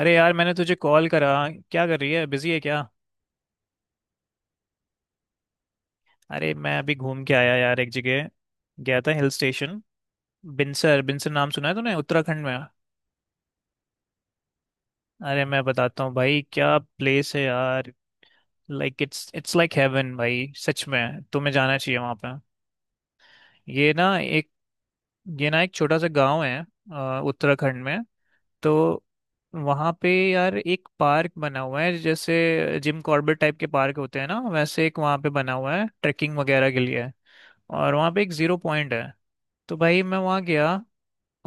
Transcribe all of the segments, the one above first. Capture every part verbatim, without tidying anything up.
अरे यार मैंने तुझे कॉल करा। क्या कर रही है, बिजी है क्या? अरे मैं अभी घूम के आया यार एक जगह, गया था हिल स्टेशन। बिनसर, बिनसर नाम सुना है तूने, उत्तराखंड में? अरे मैं बताता हूँ भाई क्या प्लेस है यार। Like it's it's like heaven भाई, सच में तुम्हें जाना चाहिए वहाँ पे। ये ना एक ये ना एक छोटा सा गांव है, अ, उत्तराखंड में। तो वहाँ पे यार एक पार्क बना हुआ है, जैसे जिम कॉर्बेट टाइप के पार्क होते हैं ना, वैसे एक वहाँ पे बना हुआ है ट्रैकिंग वगैरह के लिए। और वहाँ पे एक ज़ीरो पॉइंट है। तो भाई मैं वहाँ गया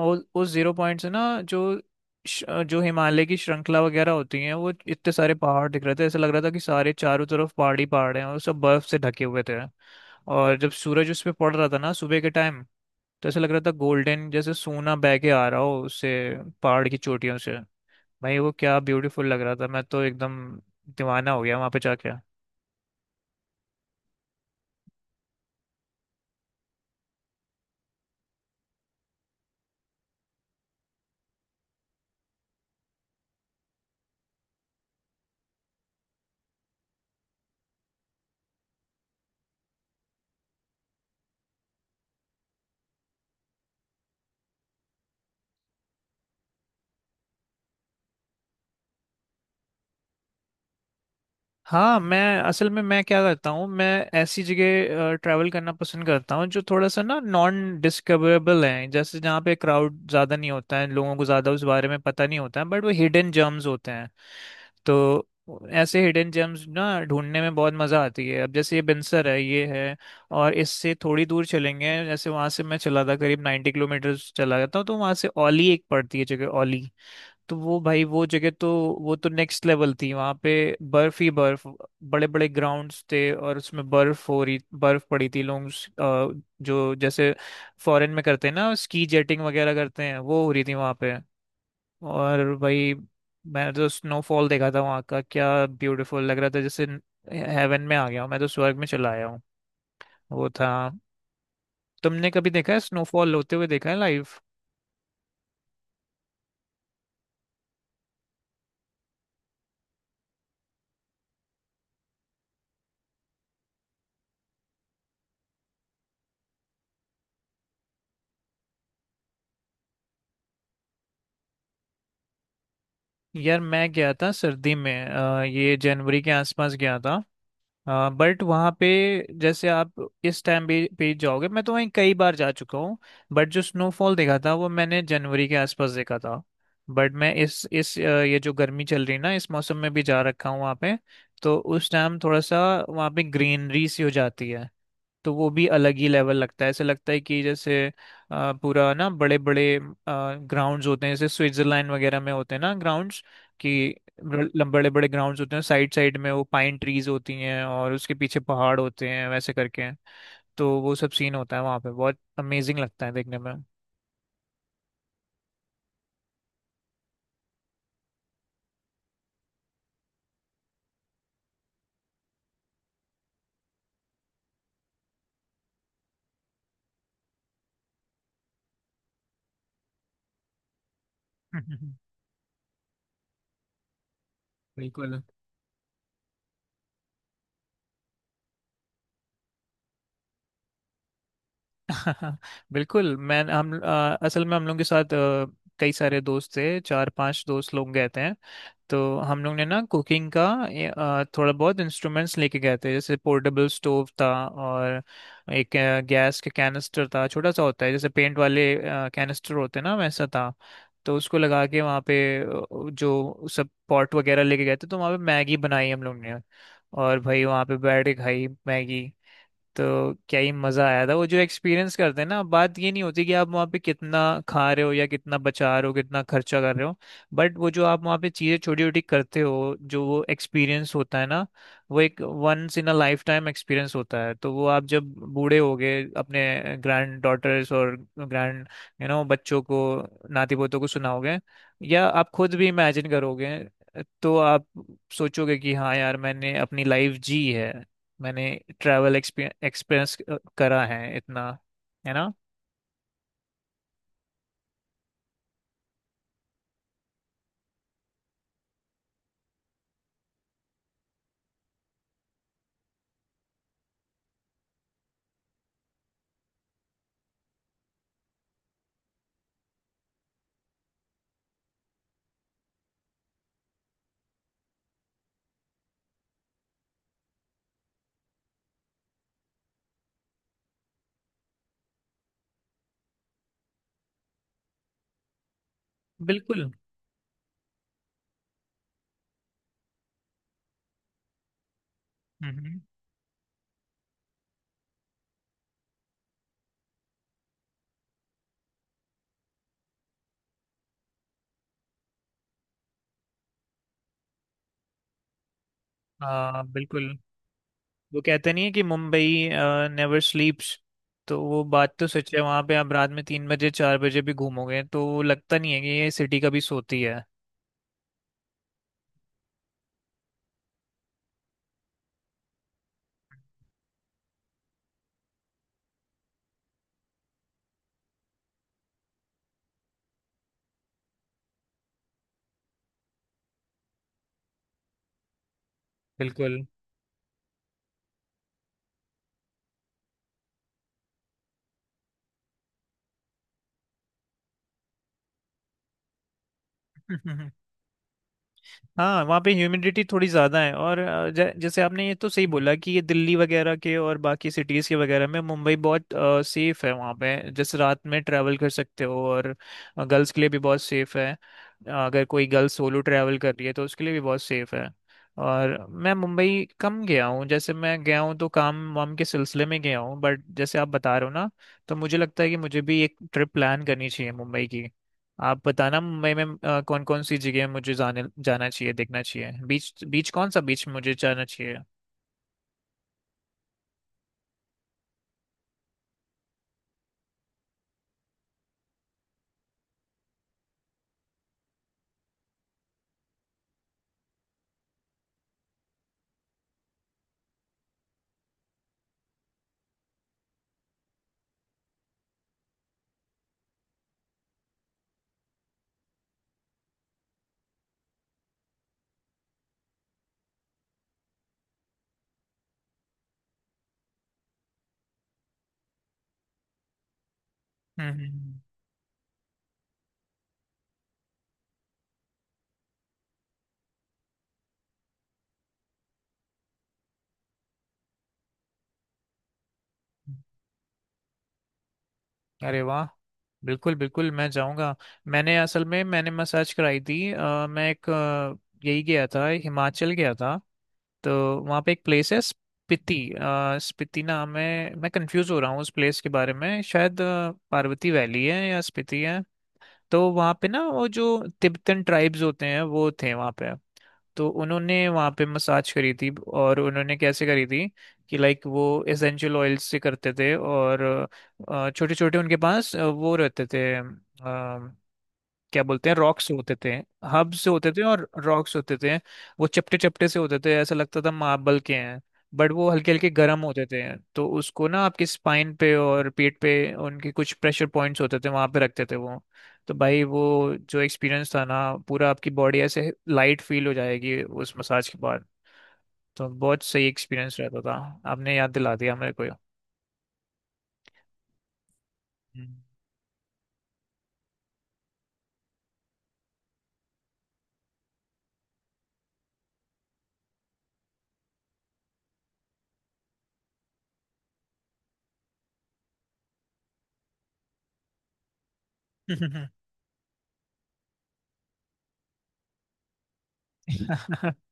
और उस ज़ीरो पॉइंट से ना जो श- जो हिमालय की श्रृंखला वगैरह होती हैं, वो इतने सारे पहाड़ दिख रहे थे। ऐसा लग रहा था कि सारे चारों तरफ पहाड़ ही पहाड़ हैं और सब बर्फ से ढके हुए थे। और जब सूरज उस पे पड़ रहा था ना सुबह के टाइम, तो ऐसा लग रहा था गोल्डन, जैसे सोना बह के आ रहा हो उससे, पहाड़ की चोटियों से। भाई वो क्या ब्यूटीफुल लग रहा था, मैं तो एकदम दीवाना हो गया वहां पे जाके। हाँ, मैं असल में मैं क्या करता हूँ, मैं ऐसी जगह ट्रैवल करना पसंद करता हूँ जो थोड़ा सा ना नॉन डिस्कवरेबल है, जैसे जहाँ पे क्राउड ज़्यादा नहीं होता है, लोगों को ज़्यादा उस बारे में पता नहीं होता है, बट वो हिडन जेम्स होते हैं। तो ऐसे हिडन जेम्स ना ढूंढने में बहुत मज़ा आती है। अब जैसे ये बिनसर है ये है, और इससे थोड़ी दूर चलेंगे, जैसे वहाँ से मैं चला था करीब नाइन्टी किलोमीटर, चला जाता हूँ तो वहाँ से ओली एक पड़ती है जगह, ओली। तो वो भाई वो जगह तो, वो तो नेक्स्ट लेवल थी। वहां पे बर्फ ही बर्फ, बड़े बड़े ग्राउंड्स थे और उसमें बर्फ हो रही, बर्फ पड़ी थी। लोग उस, अ, जो जैसे फॉरेन में करते हैं ना, स्की जेटिंग वगैरह करते हैं, वो हो रही थी वहां पे। और भाई मैंने तो स्नोफॉल देखा था वहां का, क्या ब्यूटीफुल लग रहा था। जैसे हेवन में आ गया हूँ, मैं तो स्वर्ग में चला आया हूँ, वो था। तुमने कभी देखा है स्नोफॉल होते हुए, देखा है लाइव? यार मैं गया था सर्दी में, अ, ये जनवरी के आसपास गया था। हाँ, बट वहाँ पे जैसे आप इस टाइम भी पे जाओगे, मैं तो वहीं कई बार जा चुका हूँ, बट जो स्नोफॉल देखा था वो मैंने जनवरी के आसपास देखा था। बट मैं इस इस अ, ये जो गर्मी चल रही है ना, इस मौसम में भी जा रखा हूँ वहाँ पे। तो उस टाइम थोड़ा सा वहाँ पे ग्रीनरी सी हो जाती है, तो वो भी अलग ही लेवल लगता है। ऐसे लगता है कि जैसे, अ, पूरा ना बड़े बड़े ग्राउंड्स होते हैं जैसे स्विट्जरलैंड वगैरह में होते हैं ना ग्राउंड्स, कि बड़े बड़े ग्राउंड्स होते हैं साइड साइड में, वो पाइन ट्रीज होती हैं और उसके पीछे पहाड़ होते हैं वैसे करके। तो वो सब सीन होता है वहाँ पे, बहुत अमेजिंग लगता है देखने में। हम्म, बिल्कुल। बिल्कुल। मैं हम अ, असल में हम लोग के साथ, अ, कई सारे दोस्त थे, चार पांच दोस्त लोग गए थे। तो हम लोग ने ना कुकिंग का, ए, अ, थोड़ा बहुत इंस्ट्रूमेंट्स लेके गए थे, जैसे पोर्टेबल स्टोव था और एक गैस का कैनिस्टर था, छोटा सा होता है जैसे पेंट वाले कैनिस्टर होते हैं ना, वैसा था। तो उसको लगा के वहाँ पे, अ, जो सब पॉट वगैरह लेके गए थे, तो वहाँ पे मैगी बनाई हम लोग ने, और भाई वहाँ पे बैठ के खाई मैगी। तो क्या ही मज़ा आया था। वो जो एक्सपीरियंस करते हैं ना, बात ये नहीं होती कि आप वहाँ पे कितना खा रहे हो या कितना बचा रहे हो, कितना खर्चा कर रहे हो, बट वो जो आप वहाँ पे चीज़ें छोटी छोटी करते हो, जो वो एक्सपीरियंस होता है ना, वो एक once in a lifetime experience होता है। तो वो आप जब बूढ़े हो गए, अपने ग्रैंड डॉटर्स और ग्रैंड, यू नो बच्चों को, नाती पोतों को सुनाओगे, या आप खुद भी इमेजिन करोगे, तो आप सोचोगे कि हाँ यार मैंने अपनी लाइफ जी है, मैंने ट्रैवल एक्सपीरियंस करा है इतना, है ना। बिल्कुल। हम्म। हाँ बिल्कुल। वो कहते नहीं है कि मुंबई नेवर स्लीप्स। तो वो बात तो सच है, वहाँ पे आप रात में तीन बजे चार बजे भी घूमोगे तो लगता नहीं है कि ये सिटी कभी सोती है। बिल्कुल। हाँ, वहाँ पे ह्यूमिडिटी थोड़ी ज़्यादा है, और अ, ज- जैसे आपने ये तो सही बोला कि ये दिल्ली वगैरह के और बाकी सिटीज़ के वगैरह में मुंबई बहुत सेफ़ है। वहाँ पे जैसे रात में ट्रैवल कर सकते हो, और गर्ल्स के लिए भी बहुत सेफ़ है। अगर कोई गर्ल सोलो ट्रैवल कर रही है तो उसके लिए भी बहुत सेफ़ है। और मैं मुंबई कम गया हूँ, जैसे मैं गया हूँ तो काम वाम के सिलसिले में गया हूँ, बट जैसे आप बता रहे हो ना, तो मुझे लगता है कि मुझे भी एक ट्रिप प्लान करनी चाहिए मुंबई की। आप बताना मुंबई में कौन कौन सी जगह मुझे जाने जाना चाहिए, देखना चाहिए, बीच बीच कौन सा बीच मुझे जाना चाहिए। हम्म हम्म, हम्म। हम्म। अरे वाह। बिल्कुल बिल्कुल, मैं जाऊंगा। मैंने असल में, मैंने मसाज कराई थी, अ, मैं एक अ, यही गया था, हिमाचल गया था। तो वहाँ पे एक प्लेस है स्पीति, अ, स्पीति नाम है। मैं कंफ्यूज हो रहा हूँ उस प्लेस के बारे में, शायद अ, पार्वती वैली है या स्पीति है। तो वहाँ पे ना वो जो तिब्बतन ट्राइब्स होते हैं वो थे वहाँ पे। तो उन्होंने वहाँ पे मसाज करी थी। और उन्होंने कैसे करी थी कि लाइक वो एसेंशियल ऑयल्स से करते थे, और छोटे छोटे उनके पास, अ, वो रहते थे, क्या बोलते हैं, रॉक्स होते थे। हब से होते थे और रॉक्स होते थे। वो चपटे चपटे से होते थे, ऐसा लगता था मार्बल के हैं, बट वो हल्के हल्के गर्म होते थे। तो उसको ना आपके स्पाइन पे और पीठ पे, उनके कुछ प्रेशर पॉइंट्स होते थे वहां पे रखते थे वो। तो भाई वो जो एक्सपीरियंस था ना, पूरा आपकी बॉडी ऐसे लाइट फील हो जाएगी उस मसाज के बाद। तो बहुत सही एक्सपीरियंस रहता था। आपने याद दिला दिया मेरे को। हम्म।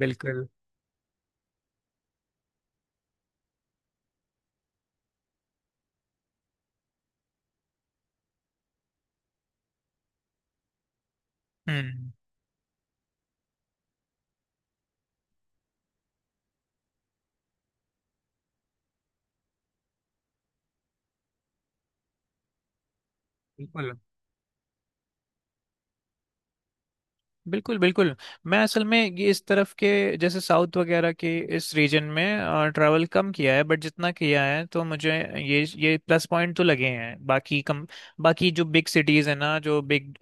बिल्कुल। हम्म। बिल्कुल, बिल्कुल, बिल्कुल। मैं असल में ये, इस तरफ के, जैसे साउथ वगैरह के इस रीजन में ट्रैवल कम किया है, बट जितना किया है तो मुझे ये ये प्लस पॉइंट तो लगे हैं, बाकी कम। बाकी जो बिग सिटीज़ है ना, जो बिग,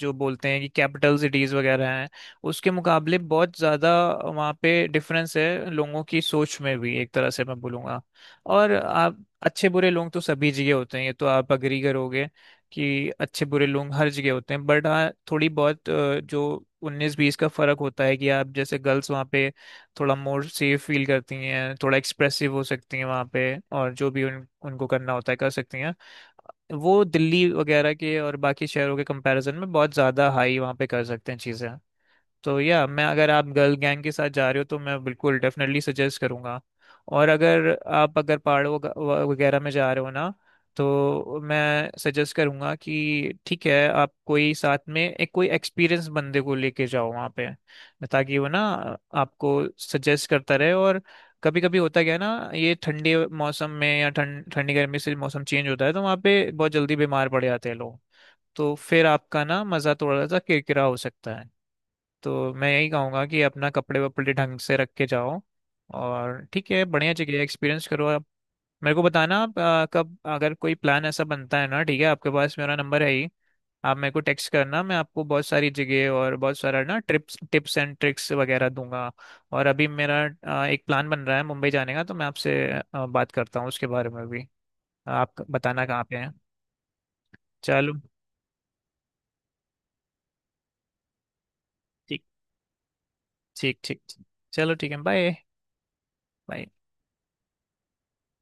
जो बोलते हैं कि कैपिटल सिटीज़ वगैरह हैं, उसके मुकाबले बहुत ज़्यादा वहाँ पे डिफरेंस है, लोगों की सोच में भी, एक तरह से मैं बोलूँगा। और आप, अच्छे बुरे लोग तो सभी जगह होते हैं, ये तो आप अग्री करोगे कि अच्छे बुरे लोग हर जगह होते हैं, बट हाँ थोड़ी बहुत, अ, जो उन्नीस बीस का फर्क होता है, कि आप जैसे गर्ल्स वहाँ पे थोड़ा मोर सेफ फील करती हैं, थोड़ा एक्सप्रेसिव हो सकती हैं वहाँ पे, और जो भी उन उनको करना होता है कर सकती हैं। वो दिल्ली वगैरह के और बाकी शहरों के कंपैरिजन में बहुत ज़्यादा हाई वहाँ पे कर सकते हैं चीज़ें। तो या मैं, अगर आप गर्ल गैंग के साथ जा रहे हो, तो मैं बिल्कुल डेफिनेटली सजेस्ट करूंगा। और अगर आप अगर पहाड़ों वग- वगैरह में जा रहे हो ना, तो मैं सजेस्ट करूंगा कि ठीक है, आप कोई साथ में एक कोई एक्सपीरियंस बंदे को लेके जाओ वहाँ पे, ताकि वो ना आपको सजेस्ट करता रहे। और कभी कभी होता क्या है ना, ये ठंडे मौसम में या ठंड ठंडी गर्मी से मौसम चेंज होता है, तो वहाँ पे बहुत जल्दी बीमार पड़ जाते हैं लोग। तो फिर आपका ना मज़ा थोड़ा सा किरकिरा हो सकता है। तो मैं यही कहूँगा कि अपना कपड़े वपड़े ढंग से रख के जाओ, और ठीक है, बढ़िया जगह है, एक्सपीरियंस करो आप। मेरे को बताना आप, आ, कब अगर कोई प्लान ऐसा बनता है ना। ठीक है आपके पास मेरा नंबर है ही, आप मेरे को टेक्स्ट करना, मैं आपको बहुत सारी जगह और बहुत सारा ना ट्रिप्स टिप्स एंड ट्रिक्स वगैरह दूंगा। और अभी मेरा, आ, एक प्लान बन रहा है मुंबई जाने का, तो मैं आपसे आ, बात करता हूँ उसके बारे में भी। आप बताना कहाँ पे हैं। चलो। ठीक, ठीक, ठीक। चलो ठीक है, बाय। बाय।